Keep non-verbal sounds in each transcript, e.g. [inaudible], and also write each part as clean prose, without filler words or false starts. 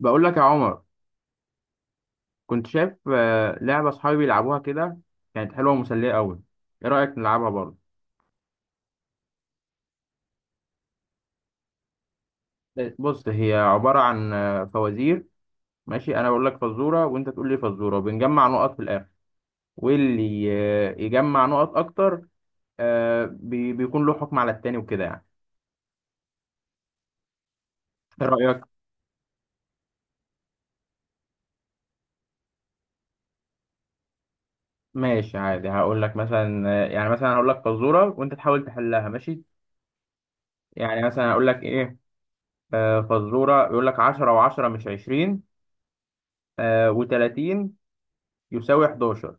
بقول لك يا عمر، كنت شايف لعبة أصحابي بيلعبوها كده. كانت حلوة ومسلية أوي. إيه رأيك نلعبها برضه؟ بص، هي عبارة عن فوازير. ماشي، أنا بقول لك فزورة وأنت تقول لي فزورة وبنجمع نقط في الآخر، واللي يجمع نقط أكتر بيكون له حكم على التاني وكده يعني. إيه رأيك؟ ماشي عادي. هقول لك مثلا يعني مثلا هقول لك فزورة وأنت تحاول تحلها، ماشي؟ يعني مثلا هقول لك إيه، فزورة يقول لك 10 و10 مش 20 و30 يساوي 11.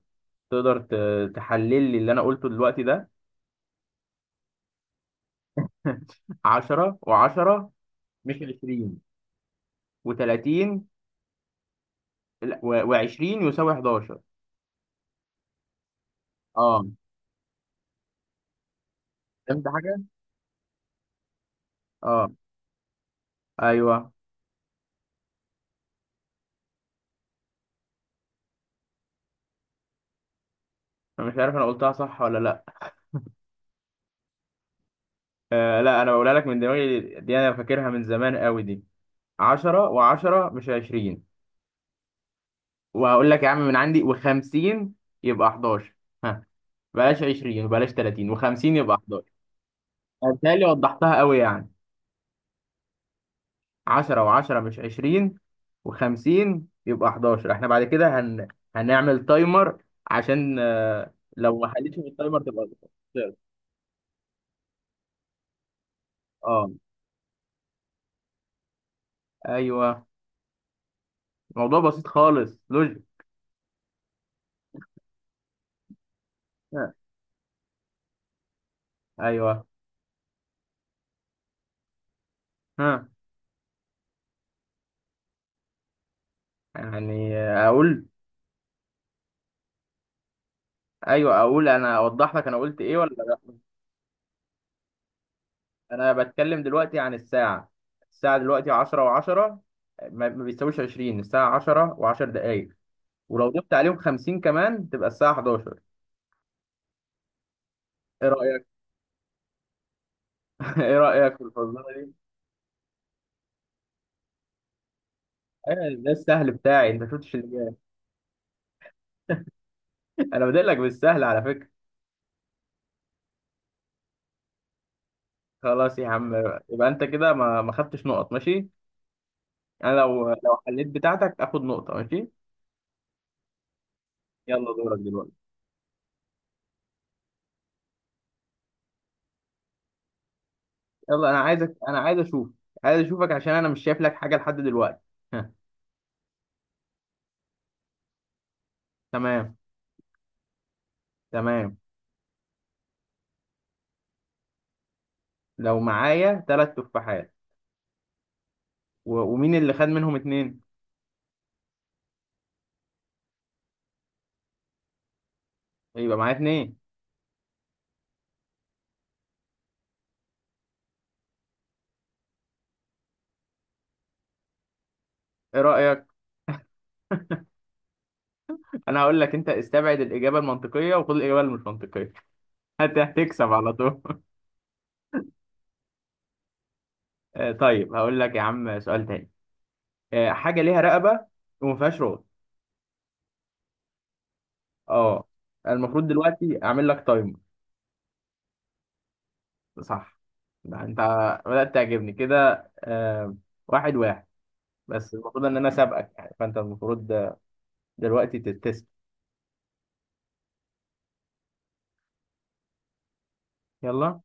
تقدر تحلل لي اللي انا قلته دلوقتي ده؟ [laughs] 10 و10 مش 20 و30 و20 يساوي 11. اه، فهمت حاجه. اه، ايوه، انا مش عارف انا قلتها صح ولا لا. لا، انا بقولها لك من دماغي دي، انا فاكرها من زمان قوي دي. 10 و10 مش 20، وهقول لك يا عم من عندي و50 يبقى 11. ها، بلاش 20 وبلاش 30 و50 يبقى 11. بالتالي وضحتها قوي يعني. 10 و10 مش 20 و50 يبقى 11. احنا بعد كده هنعمل تايمر، عشان لو ما حلتش من التايمر تبقى تخسر. اه، ايوه. الموضوع بسيط خالص، لوجيك. ها، ايوه. ها، يعني اقول. ايوه، اقول انا، اوضح لك انا قلت ايه ولا لا. انا بتكلم دلوقتي عن الساعه. الساعه دلوقتي 10 و10، ما بيساويش 20. الساعه 10 و10 دقائق، ولو ضفت عليهم 50 كمان تبقى الساعه 11. ايه رايك؟ [laughs] ايه رأيك في الفزورة دي؟ ايه ده؟ السهل بتاعي، انت شفتش اللي جاي. انا بادئ لك بالسهل على فكرة. خلاص يا عم. يبقى انت كده ما خدتش نقط، ماشي. انا لو حليت بتاعتك اخد نقطة، ماشي. يلا دورك دلوقتي. يلا، انا عايزك. انا عايز اشوف عايز اشوفك، عشان انا مش شايف لك حاجة لحد دلوقتي. ها. تمام. تمام. لو معايا ثلاث تفاحات ومين اللي خد منهم اتنين؟ يبقى معايا اتنين. ايه رأيك؟ انا هقول لك، انت استبعد الإجابة المنطقية وخد الإجابة اللي مش منطقية. [laughs] هتكسب على طول. طيب، هقول لك يا عم سؤال تاني. حاجة ليها رقبة وما فيهاش رأس. اه. المفروض دلوقتي اعمل لك تايمر. صح. ده انت بدأت تعجبني كده. آه، واحد واحد. بس المفروض ان انا سابقك، يعني فانت المفروض دلوقتي تتسب. يلا.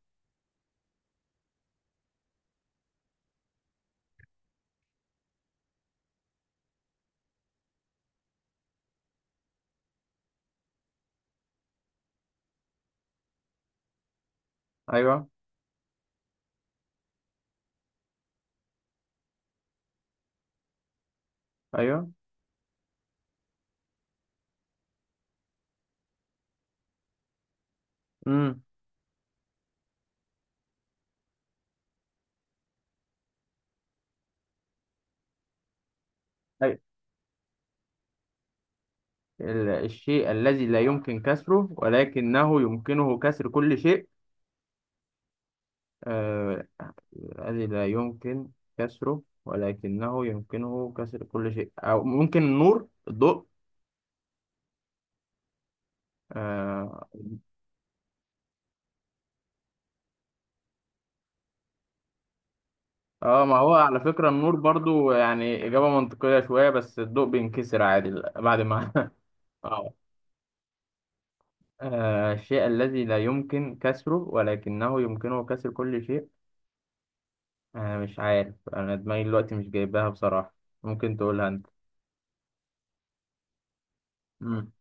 ايوه. ايوه. امم. أيوة. الشيء الذي لا يمكن كسره ولكنه يمكنه كسر كل شيء. آه، الذي لا يمكن كسره ولكنه يمكنه كسر كل شيء، أو ممكن النور، الضوء. آه, ما هو على فكرة النور برضو يعني إجابة منطقية شوية، بس الضوء بينكسر عادي. [laughs] بعد ما [laughs] آه الشيء الذي لا يمكن كسره ولكنه يمكنه كسر كل شيء. مش عارف، أنا دماغي دلوقتي مش جايباها بصراحة. ممكن تقولها أنت. مم.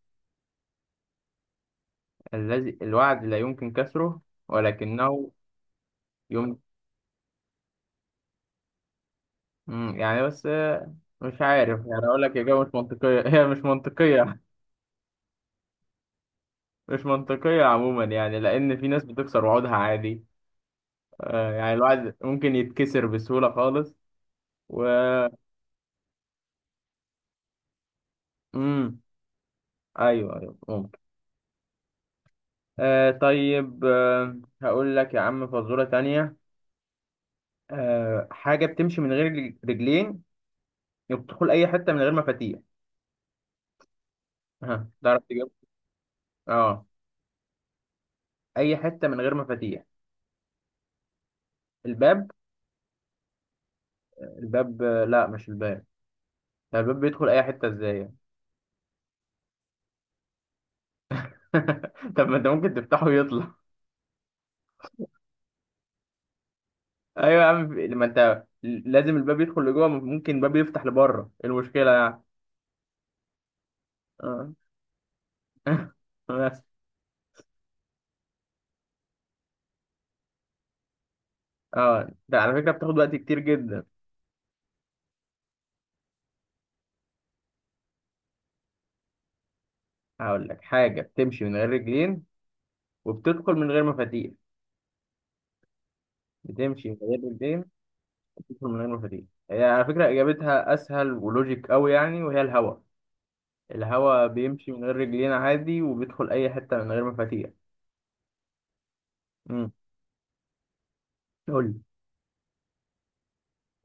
الذي الوعد لا يمكن كسره، ولكنه يمكن. يعني بس مش عارف يعني اقول لك، اجابه مش منطقيه. [laughs] هي مش منطقيه. مش منطقيه عموما، يعني لان في ناس بتكسر وعودها عادي. يعني الواحد ممكن يتكسر بسهوله خالص. و امم ايوه. ايوه، ممكن. طيب. هقول لك يا عم فزوره تانية. حاجه بتمشي من غير رجلين، وبتدخل اي حته من غير مفاتيح. ها، تعرف تجيب؟ اه، اي حته من غير مفاتيح. الباب؟ الباب؟ لا، مش الباب. طب الباب بيدخل اي حته ازاي؟ [laughs] طب ما انت ممكن تفتحه ويطلع. ايوه يا عم، ما انت لازم الباب يدخل لجوه. ممكن الباب يفتح لبره، إيه المشكله يعني؟ اه. [laughs] بس. اه، ده على فكره بتاخد وقت كتير جدا. هقول لك، حاجه بتمشي من غير رجلين، وبتدخل من غير مفاتيح. بتمشي من غير رجلين، وبتدخل من غير مفاتيح. هي على فكره اجابتها اسهل ولوجيك قوي يعني، وهي الهوا. الهوا بيمشي من غير رجلين عادي، وبيدخل اي حته من غير مفاتيح. امم قول لي.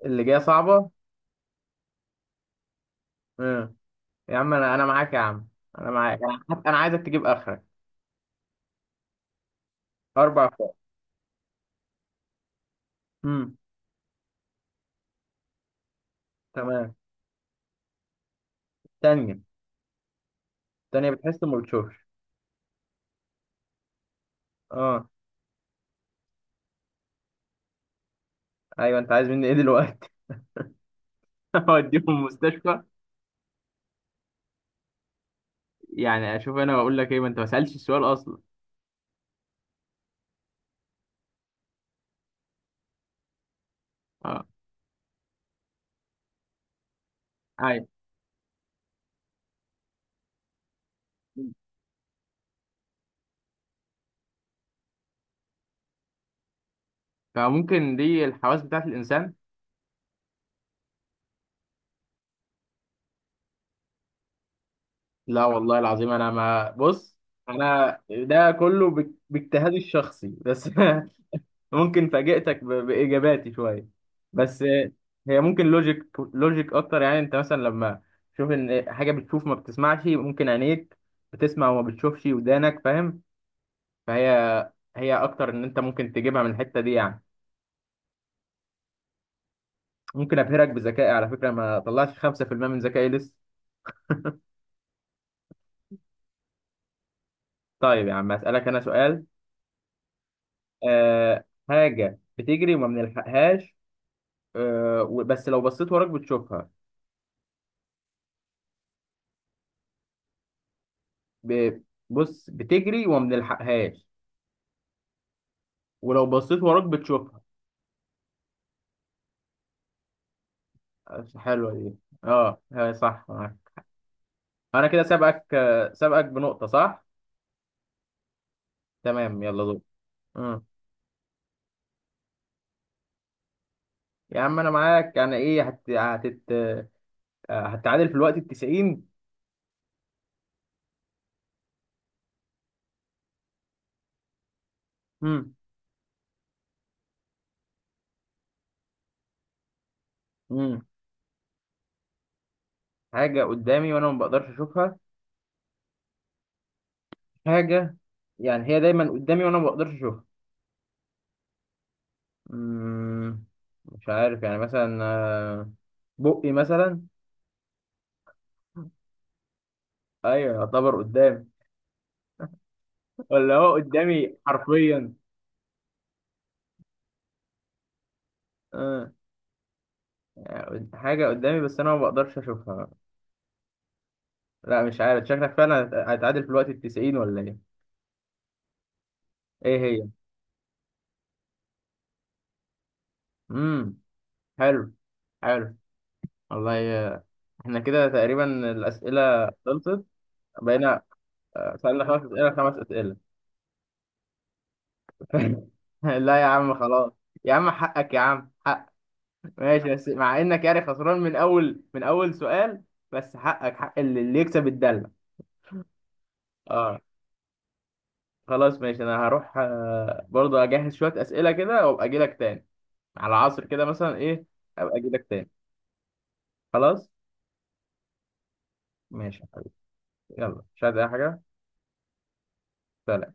اللي جايه صعبه. يا عم، انا معاك يا عم. انا معاك. حتى انا عايزك تجيب اخرك. اربع فوق. امم تمام. تانية. تانية بتحس ما بتشوفش. اه. ايوه، انت عايز مني ايه دلوقتي؟ [laughs] اوديهم المستشفى. يعني اشوف انا واقول لك ايه، ما انت ما سالتش السؤال اصلا. اه. ايوه. فممكن دي الحواس بتاعت الانسان. لا والله العظيم انا ما بص. انا ده كله باجتهادي الشخصي بس. [laughs] ممكن فاجئتك باجاباتي شويه بس. هي ممكن لوجيك لوجيك اكتر، يعني انت مثلا لما تشوف ان حاجه بتشوف ما بتسمعش، ممكن عينيك بتسمع وما بتشوفش، ودانك فاهم. فهي اكتر ان انت ممكن تجيبها من الحته دي يعني. ممكن ابهرك بذكائي. على فكره ما طلعتش 5% من ذكائي لسه. طيب يا عم، اسالك انا سؤال. حاجه بتجري وما بنلحقهاش، بس لو بصيت وراك بتشوفها. ب- بص، بتجري وما بنلحقهاش، ولو بصيت وراك بتشوفها. حلوة دي. اه، هي صح معاك. انا كده سابقك سابقك بنقطة، صح؟ تمام. يلا دور. مم. يا عم انا معاك، يعني ايه؟ هت... هتت... آه، هتتعادل في الوقت التسعين. مم. مم. حاجة قدامي وانا ما بقدرش اشوفها. حاجة، يعني هي دايما قدامي وانا ما بقدرش اشوفها. مم. مش عارف يعني مثلا بقي مثلا. ايوه، يعتبر قدامي. ولا هو قدامي حرفيا؟ آه. يعني حاجة قدامي بس أنا ما بقدرش أشوفها. لا، مش عارف. شكلك فعلا هتعادل في الوقت التسعين، ولا إيه؟ إيه هي؟ مم. حلو. حلو. والله إحنا كده تقريبا الأسئلة خلصت. بقينا سألنا خمس أسئلة، خمس أسئلة. [laughs] لا يا عم خلاص. يا عم حقك، يا عم حق. ماشي، بس مع إنك يعني خسران من أول من أول سؤال. بس حقك حق، اللي يكسب الدلة. أه، خلاص ماشي. أنا هروح برضه، اجهز شويه اسئله كده وابقى اجي لك تاني على العصر كده مثلا ايه. ابقى اجي لك تاني. خلاص ماشي يا حبيبي. يلا، مش عايز اي حاجه. سلام.